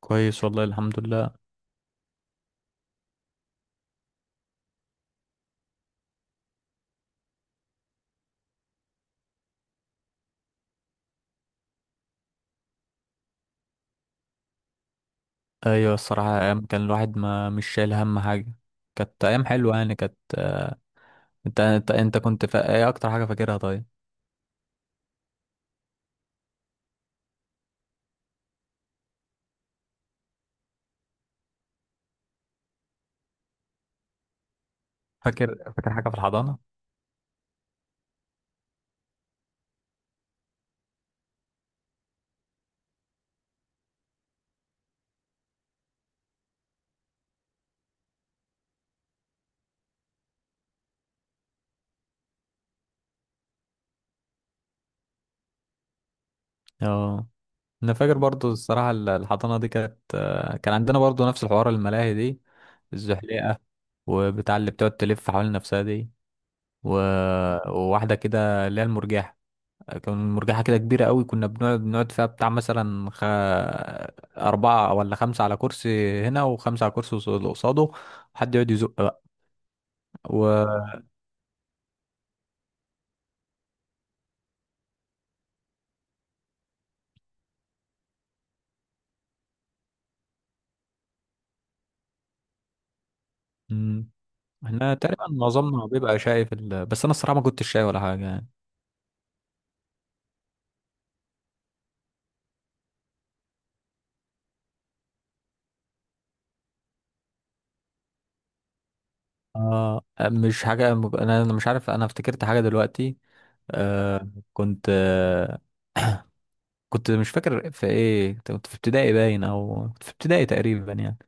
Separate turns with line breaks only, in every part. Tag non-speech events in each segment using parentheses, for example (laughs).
كويس والله الحمد لله. ايوه الصراحه ايام كان الواحد ما مش شايل هم حاجه. كانت ايام حلوه يعني كانت انت انت انت كنت ايه اكتر حاجه فاكرها؟ طيب. فاكر حاجه في الحضانه. اه انا فاكر برضو الصراحه الحضانه دي كانت، كان عندنا برضو نفس الحوار، الملاهي دي، الزحليقه، وبتاع اللي بتقعد تلف حوالين نفسها دي و... وواحده كده اللي هي المرجحه. كان مرجحة كده كبيرة قوي، كنا بنقعد فيها، بتاع مثلا أربعة ولا خمسة على كرسي هنا، وخمسة على كرسي اللي قصاده، وحد يقعد يزق بقى و مم. هنا تقريبا معظمنا بيبقى شايف بس أنا الصراحة ما كنتش شايف ولا حاجة يعني. مش حاجة، أنا مش عارف، أنا افتكرت حاجة دلوقتي. آه. كنت، كنت مش فاكر في إيه، كنت في ابتدائي باين أو كنت في ابتدائي تقريبا يعني،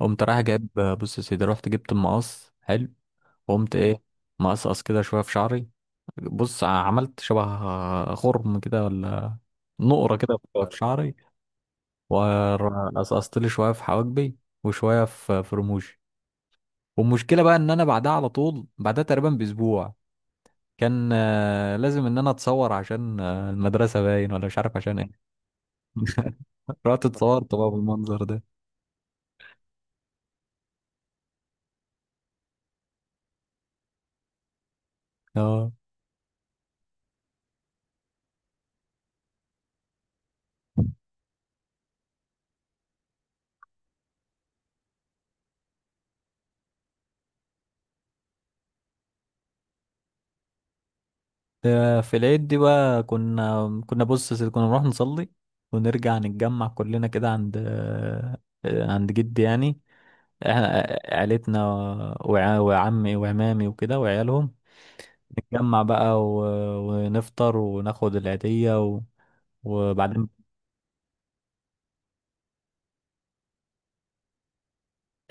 قمت رايح جايب. بص يا سيدي، رحت جبت المقص حلو، قمت ايه، مقصقص كده شويه في شعري. بص، عملت شبه غرم كده ولا نقره كده في شعري، وقصقصت لي شويه في حواجبي، وشويه في رموشي. والمشكله بقى ان انا بعدها على طول، بعدها تقريبا باسبوع، كان لازم ان انا اتصور عشان المدرسه باين ولا مش عارف عشان ايه. (laughs) رحت اتصورت بقى بالمنظر ده. اه. في العيد دي بقى كنا بص يا سيدي، كنا نروح نصلي ونرجع نتجمع كلنا كده عند عند جدي يعني، احنا، عيلتنا وعمي وعمامي وكده وعيالهم، نتجمع بقى ونفطر وناخد العيدية وبعدين.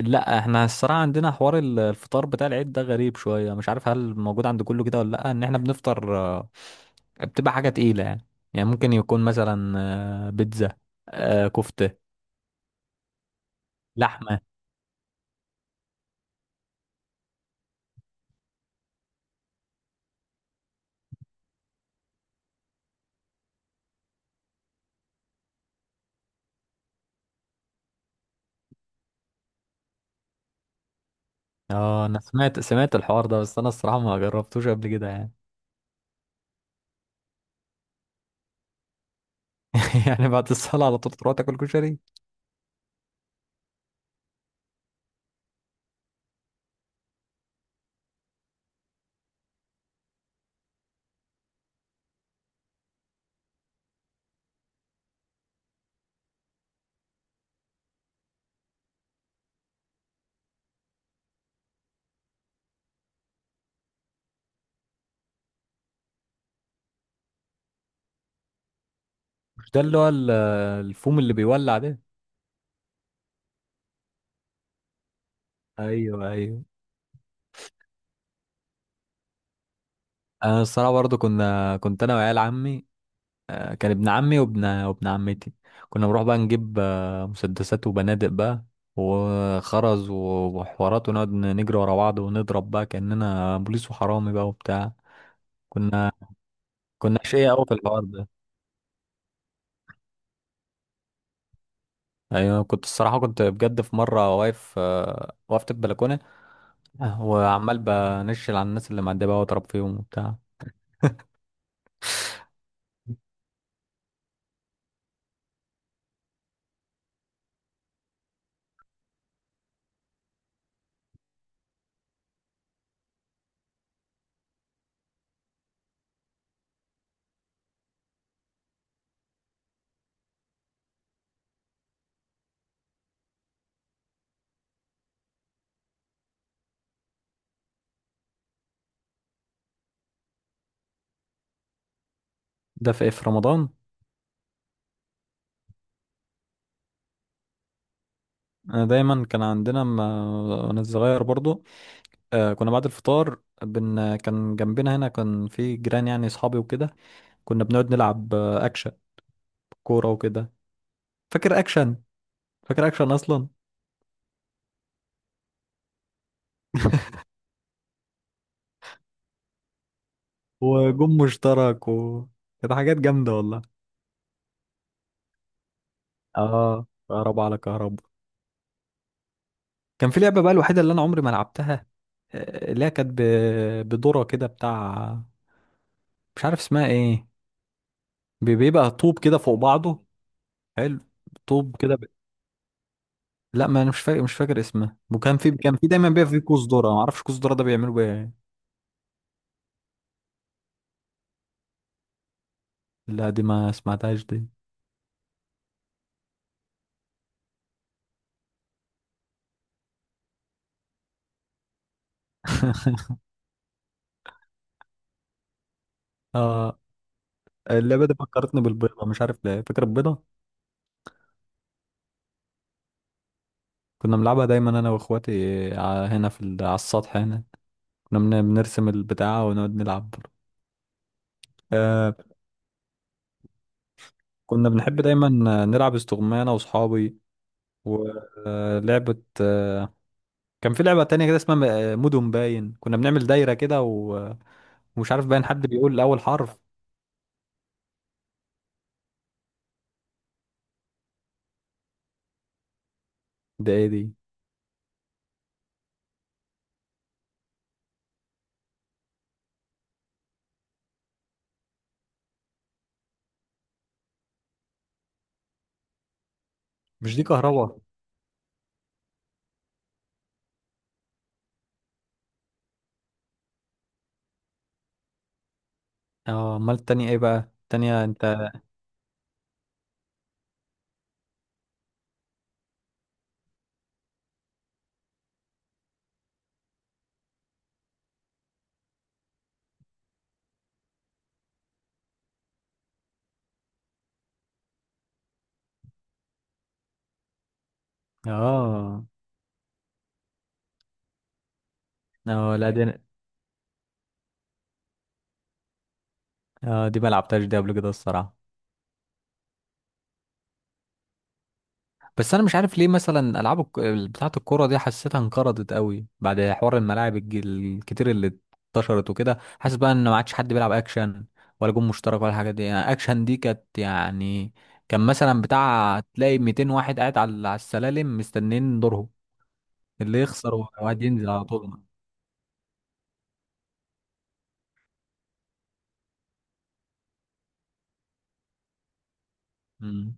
لا احنا الصراحة عندنا حوار الفطار بتاع العيد ده غريب شوية، مش عارف هل موجود عند كله كده ولا لأ. ان احنا بنفطر، بتبقى حاجة تقيلة يعني، يعني ممكن يكون مثلا بيتزا، كفتة، لحمة. اه، انا سمعت الحوار ده، بس انا الصراحة ما جربتوش قبل كده يعني. (laughs) يعني بعد الصلاة على طول تروح تاكل كشري؟ مش ده اللي هو الفوم اللي بيولع ده؟ ايوه، ايوه. انا الصراحة برضه كنت انا وعيال عمي، كان ابن عمي وابن عمتي، كنا بنروح بقى نجيب مسدسات وبنادق بقى وخرز وحوارات، ونقعد نجري ورا بعض ونضرب بقى كأننا بوليس وحرامي بقى وبتاع. كنا كنا شقية قوي في الحوار ده. ايوه، كنت الصراحة، كنت بجد في مرة واقف، وقفت البلكونة وعمال بنشل على الناس اللي معدية بقى واضرب فيهم وبتاع. ده في إيه، في رمضان؟ انا دايما كان عندنا وانا صغير برضو، كنا بعد الفطار، كان جنبنا هنا كان في جيران يعني اصحابي وكده. كنا بنقعد نلعب اكشن، كوره وكده. فاكر اكشن؟ فاكر اكشن اصلا؟ وجم مشترك كانت حاجات جامده والله. اه، كهرباء على كهرباء. كان في لعبه بقى الوحيده اللي انا عمري ما لعبتها، اللي هي كانت بدوره كده بتاع، مش عارف اسمها ايه. بيبقى طوب كده فوق بعضه. حلو. طوب كده لا ما انا مش فاكر اسمه. وكان في كان في دايما بيبقى في كوز ذره، ما اعرفش كوز ذره ده بيعملوا بيه. لا دي ما سمعتهاش دي. (laughs) اه، اللعبة دي فكرتني بالبيضة، مش عارف ليه، فاكر البيضة. كنا بنلعبها دايما انا واخواتي هنا في على السطح هنا. كنا بنرسم البتاعة ونقعد نلعب برضه. آه. كنا بنحب دايما نلعب استغمانة انا واصحابي ولعبة. كان في لعبة تانية كده اسمها مدن باين، كنا بنعمل دايرة كده ومش عارف باين حد بيقول اول حرف. ده ايه دي؟ مش دي كهربا؟ اه، امال التانية ايه بقى، التانية انت. اه، اه، لا دي. اه، دي ما لعبتهاش دي قبل كده الصراحة. بس انا مش عارف ليه مثلا العاب بتاعة الكورة دي حسيتها انقرضت قوي بعد حوار الملاعب الكتير اللي انتشرت وكده. حاسس بقى ان ما عادش حد بيلعب اكشن ولا جون مشترك ولا الحاجات دي يعني. اكشن دي كانت يعني كان مثلا بتاع تلاقي 200 واحد قاعد على السلالم مستنيين دورهم، اللي يخسر واحد ينزل على طول. امم.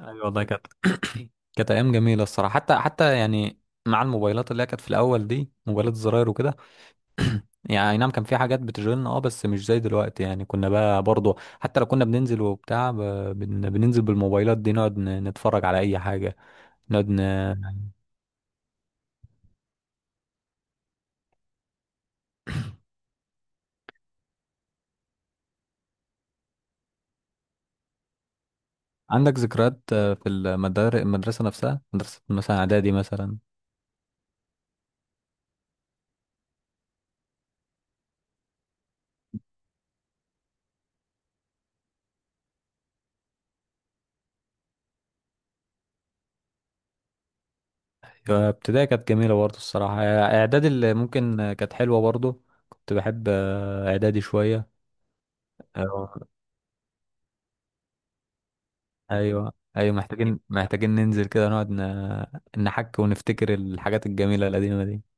ايوه والله، كانت (coughs) كانت ايام جميلة الصراحة. حتى، يعني مع الموبايلات اللي هي كانت في الاول دي، موبايلات الزراير وكده. (clears throat) يعني أي نعم كان في حاجات بتشغلنا، اه، بس مش زي دلوقتي يعني. كنا بقى برضه حتى لو كنا بننزل وبتاع، بننزل بالموبايلات دي، نقعد نتفرج على اي حاجة، نقعد عندك ذكريات، في المدرسة نفسها، مدرسة مثلا اعدادي مثلا؟ ابتدائي كانت جميلة برضه الصراحة. اعدادي اللي ممكن كانت حلوة برضه. كنت بحب اعدادي شوية. آه، ايوه، ايوه، محتاجين ننزل كده نقعد نحك ونفتكر الحاجات الجميلة القديمة دي.